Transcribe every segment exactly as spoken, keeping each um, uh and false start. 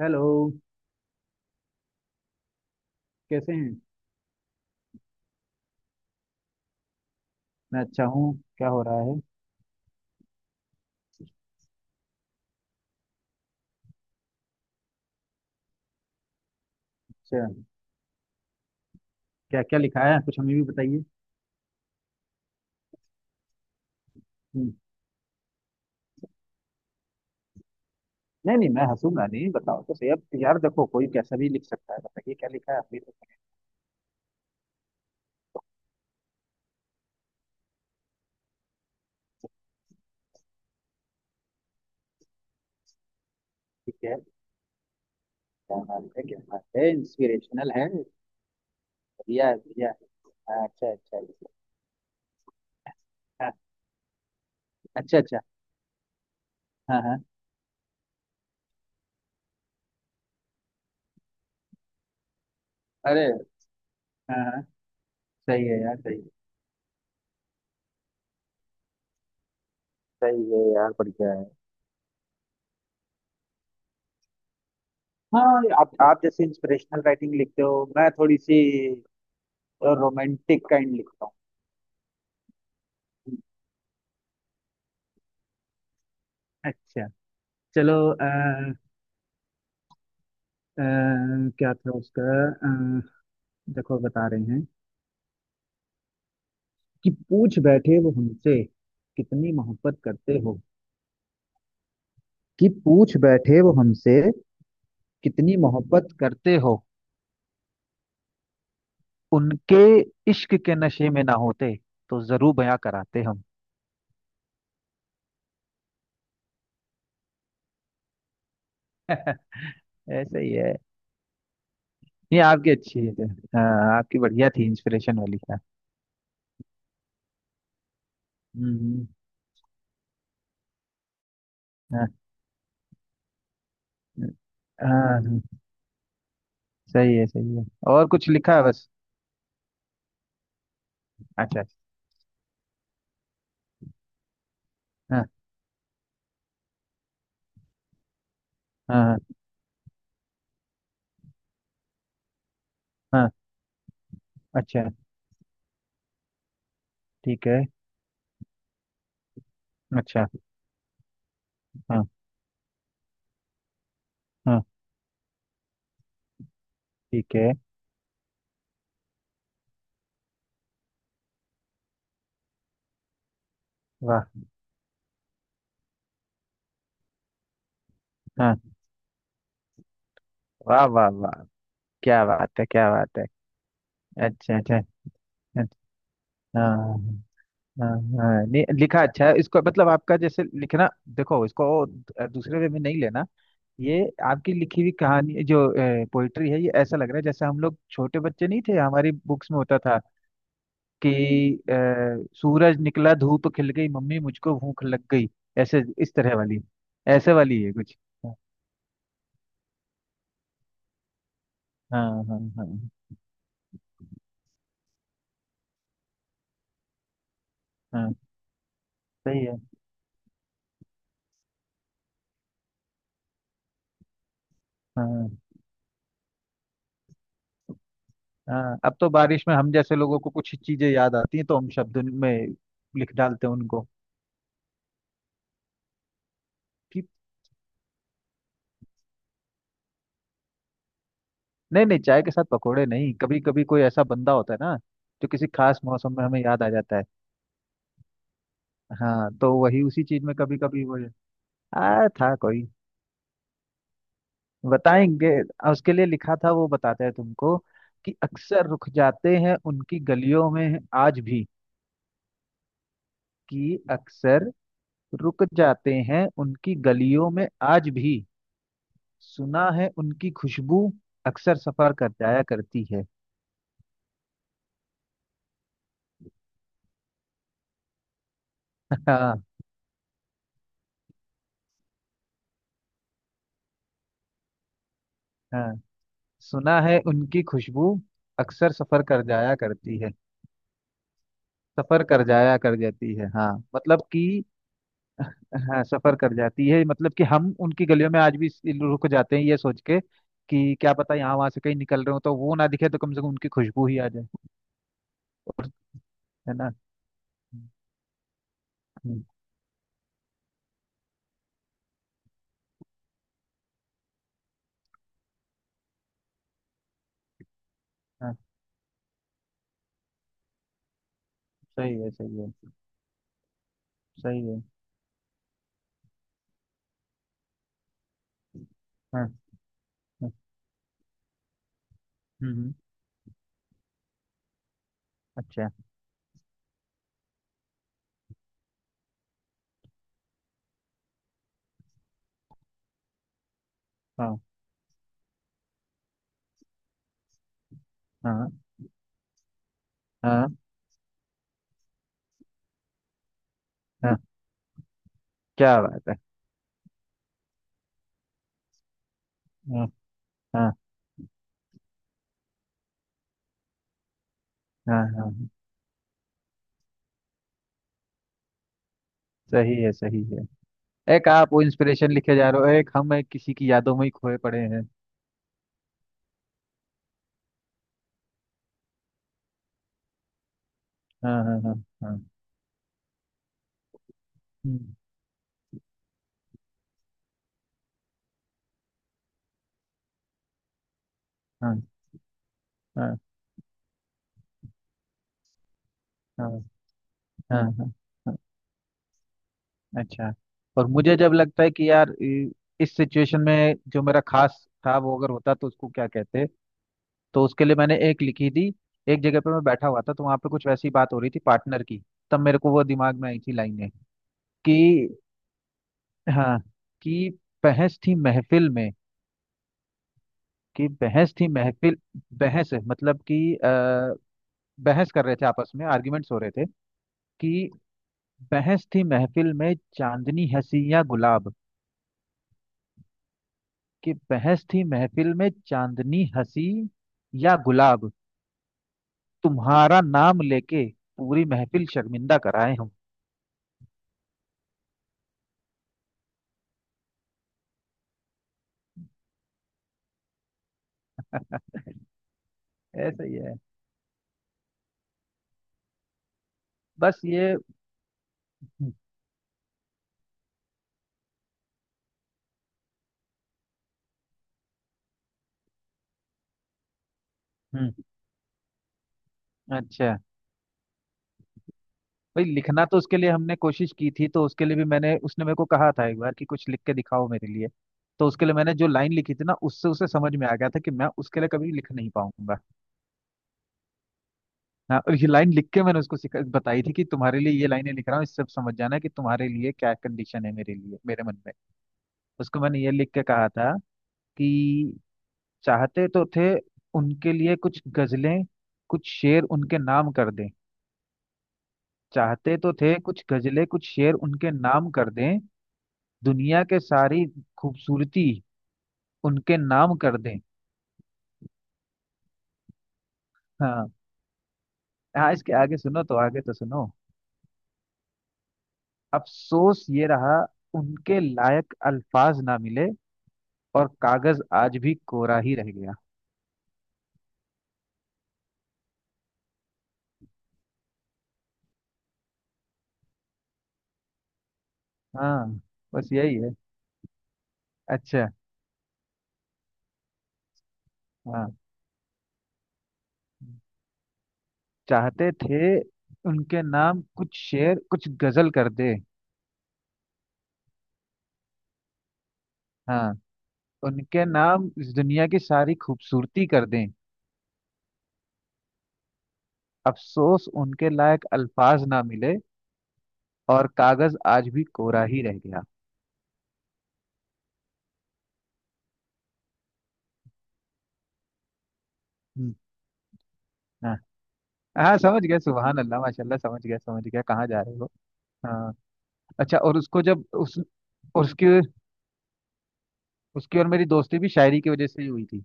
Hello. कैसे हैं। मैं अच्छा हूँ। क्या हो रहा है। अच्छा, क्या क्या लिखा है कुछ हमें भी बताइए। हम्म। नहीं नहीं मैं हंसूंगा नहीं, बताओ तो सही। अब यार देखो, कोई कैसा भी लिख सकता है। बताइए क्या लिखा है आपने तो। ठीक है। क्या बात है, क्या बात है, इंस्पिरेशनल है। बढ़िया है, बढ़िया है। हाँ, अच्छा अच्छा अच्छा। हाँ, अच्छा अच्छा। हाँ हाँ। अरे, हाँ हाँ। सही है यार, सही है। सही है यार, बढ़िया है। हाँ, आप आप जैसे इंस्पिरेशनल राइटिंग लिखते हो, मैं थोड़ी सी रोमांटिक काइंड लिखता हूँ। अच्छा। चलो। अ, क्या था उसका। अ, देखो बता रहे हैं। कि पूछ बैठे वो हमसे, कितनी मोहब्बत करते हो। कि पूछ बैठे वो हमसे, कितनी मोहब्बत करते हो। उनके इश्क के नशे में ना होते, तो जरूर बयां कराते हम। ऐसे ही है। ये आपकी अच्छी है। हाँ, आपकी बढ़िया थी इंस्पिरेशन वाली था। हम्म। हाँ हाँ। हाँ। सही है, सही है। और कुछ लिखा है बस। अच्छा अच्छा। हाँ हाँ हाँ। हाँ। अच्छा। ठीक है। अच्छा। हाँ हाँ। ठीक है। वाह। हाँ। वाह वाह वाह। क्या बात है, क्या बात है। अच्छा अच्छा। अच्छा। हाँ हाँ। हाँ, नहीं लिखा अच्छा है इसको, मतलब आपका जैसे लिखना। देखो इसको, दूसरे वे में नहीं लेना। ये आपकी लिखी हुई कहानी जो पोइट्री है, ये ऐसा लग रहा है जैसे हम लोग छोटे बच्चे नहीं थे, हमारी बुक्स में होता था कि अ, सूरज निकला धूप खिल गई, मम्मी मुझको भूख लग गई। ऐसे इस तरह वाली। ऐसे वाली है कुछ। हाँ। हाँ हाँ। हाँ। हाँ, सही है। हाँ हाँ। अब तो बारिश में हम जैसे लोगों को कुछ चीजें याद आती हैं, तो हम शब्द में लिख डालते हैं उनको। कि नहीं नहीं, चाय के साथ पकोड़े नहीं, कभी कभी कोई ऐसा बंदा होता है ना जो किसी खास मौसम में हमें याद आ जाता है। हाँ, तो वही उसी चीज में कभी कभी वो। आ, था कोई। बताएंगे। आ, उसके लिए लिखा था वो, बताते हैं तुमको। कि अक्सर रुक जाते हैं उनकी गलियों में आज भी। कि अक्सर रुक जाते हैं उनकी गलियों में आज भी। सुना है उनकी खुशबू अक्सर सफर कर जाया करती है। हाँ। हाँ, सुना है उनकी खुशबू अक्सर सफर कर जाया करती है। सफर कर जाया कर जाती है हाँ। मतलब कि, हाँ सफर कर जाती है। मतलब कि हम उनकी गलियों में आज भी इस- रुक जाते हैं, ये सोच के कि क्या पता यहाँ वहां से कहीं निकल रहे हो, तो वो ना दिखे तो कम से कम उनकी खुशबू ही आ जाए। और है ना। हम्म। हम्म। हाँ, सही है, सही है। सही है। हाँ हाँ। हम्म हम्म। अच्छा। हाँ हाँ हाँ। हाँ। क्या बात है। हाँ हाँ हाँ। हाँ हाँ, सही है, सही है। एक आप वो इंस्पिरेशन लिखे जा रहे हो, एक हम एक किसी की यादों में ही खोए पड़े हैं। हाँ हाँ हाँ। हाँ। हम्म। हाँ हाँ। हाँ हाँ। हाँ। हाँ, अच्छा। और मुझे जब लगता है कि यार इ- इस सिचुएशन में जो मेरा खास था, वो अगर होता तो उसको क्या कहते। तो उसके लिए मैंने एक लिखी थी। एक जगह पे मैं बैठा हुआ था, तो वहां पे कुछ वैसी बात हो रही थी पार्टनर की। तब मेरे को वो दिमाग में आई थी लाइनें। कि हाँ, कि बहस थी महफिल में। कि बहस थी महफिल। बहस है मतलब कि अ, बहस कर रहे थे आपस में, आर्ग्यूमेंट्स हो रहे थे। कि बहस थी महफिल में, चांदनी हंसी या गुलाब। कि बहस थी महफिल में, चांदनी हंसी या गुलाब। तुम्हारा नाम लेके पूरी महफिल शर्मिंदा कराए हम। ऐसा ही है बस ये। हम्म। हम्म। अच्छा, भाई लिखना तो उसके लिए हमने कोशिश की थी। तो उसके लिए भी मैंने उसने मेरे को कहा था एक बार कि कुछ लिख के दिखाओ मेरे लिए। तो उसके लिए मैंने जो लाइन लिखी थी ना, उससे उसे समझ में आ गया था कि मैं उसके लिए कभी लिख नहीं पाऊंगा। हाँ, और ये लाइन लिख के मैंने उसको सिखा बताई थी कि तुम्हारे लिए ये लाइनें लिख रहा हूँ, इससे समझ जाना कि तुम्हारे लिए क्या कंडीशन है मेरे लिए मेरे मन में। उसको मैंने ये लिख के कहा था कि चाहते तो थे उनके लिए कुछ गजलें कुछ शेर उनके नाम कर दें। चाहते तो थे कुछ गजलें, कुछ शेर उनके नाम कर दें। दुनिया के सारी खूबसूरती उनके नाम कर दें। हाँ। हाँ, इसके आगे सुनो तो, आगे तो सुनो। अफसोस ये रहा, उनके लायक अल्फाज ना मिले, और कागज आज भी कोरा ही रह गया। हाँ, बस यही है। अच्छा। हाँ, चाहते थे उनके नाम कुछ शेर कुछ गजल कर दे। हाँ। उनके नाम इस दुनिया की सारी खूबसूरती कर दें। अफसोस उनके लायक अल्फाज ना मिले, और कागज आज भी कोरा ही रह गया। हाँ। हाँ, समझ गया, सुभान अल्लाह माशाल्लाह, समझ गया समझ गया कहाँ जा रहे हो। हाँ। अच्छा। और उसको जब उस, और उसकी, उसकी और मेरी दोस्ती भी शायरी की वजह से ही हुई थी।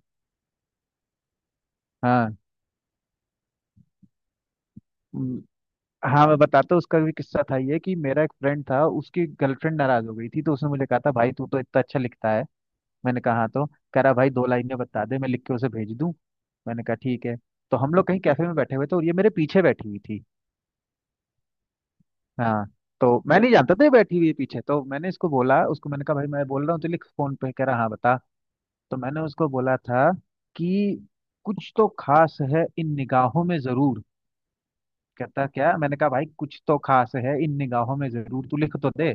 हाँ। हम्म। हाँ, मैं बताता हूँ उसका भी किस्सा था। ये कि मेरा एक फ्रेंड था, उसकी गर्लफ्रेंड नाराज हो गई थी, तो उसने मुझे कहा था भाई तू तो इतना अच्छा लिखता है। मैंने कहा हाँ, तो कह रहा भाई दो लाइनें बता दे, मैं लिख के उसे भेज दूँ। मैंने कहा ठीक है। तो हम लोग कहीं कैफे में बैठे हुए थे, और ये मेरे पीछे बैठी हुई थी। हाँ। तो मैं नहीं जानता था ये बैठी हुई है पीछे। तो मैंने इसको बोला, उसको मैंने कहा भाई मैं बोल रहा हूँ तो लिख, फोन पे। कह रहा हाँ बता। तो मैंने उसको बोला था कि कुछ तो खास है इन निगाहों में जरूर। कहता क्या। मैंने कहा भाई कुछ तो खास है इन निगाहों में जरूर, तू लिख तो दे।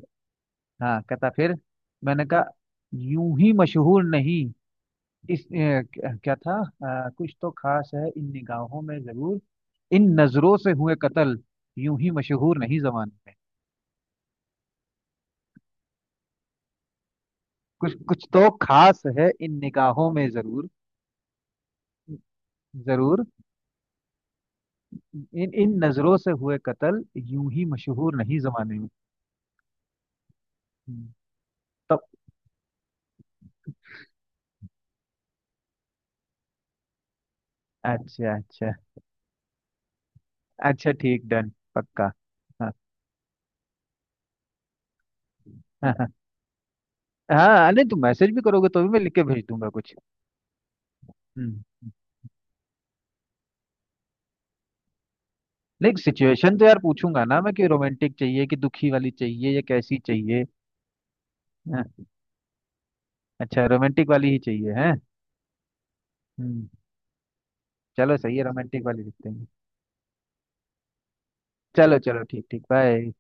हाँ, कहता फिर। मैंने कहा यूं ही मशहूर नहीं, इस, अ, क्या क्या था। अ, कुछ तो खास है इन निगाहों में जरूर, इन नजरों से हुए कत्ल यूं ही मशहूर नहीं जमाने में। कुछ कुछ तो खास है इन निगाहों में जरूर। जरूर, इन इन नजरों से हुए कत्ल यूं ही मशहूर नहीं जमाने में। हम्म। तो अच्छा अच्छा। अच्छा ठीक, डन। पक्का। हाँ हाँ। हाँ हाँ, नहीं तुम मैसेज भी करोगे तो भी मैं लिख के भेज दूंगा कुछ। हम्म हम्म। नहीं, सिचुएशन तो यार पूछूंगा ना मैं कि रोमांटिक चाहिए कि दुखी वाली चाहिए या कैसी चाहिए। हाँ, अच्छा रोमांटिक वाली ही चाहिए है। हम्म। चलो सही है, रोमांटिक वाली लिखते हैं। चलो चलो ठीक ठीक, बाय।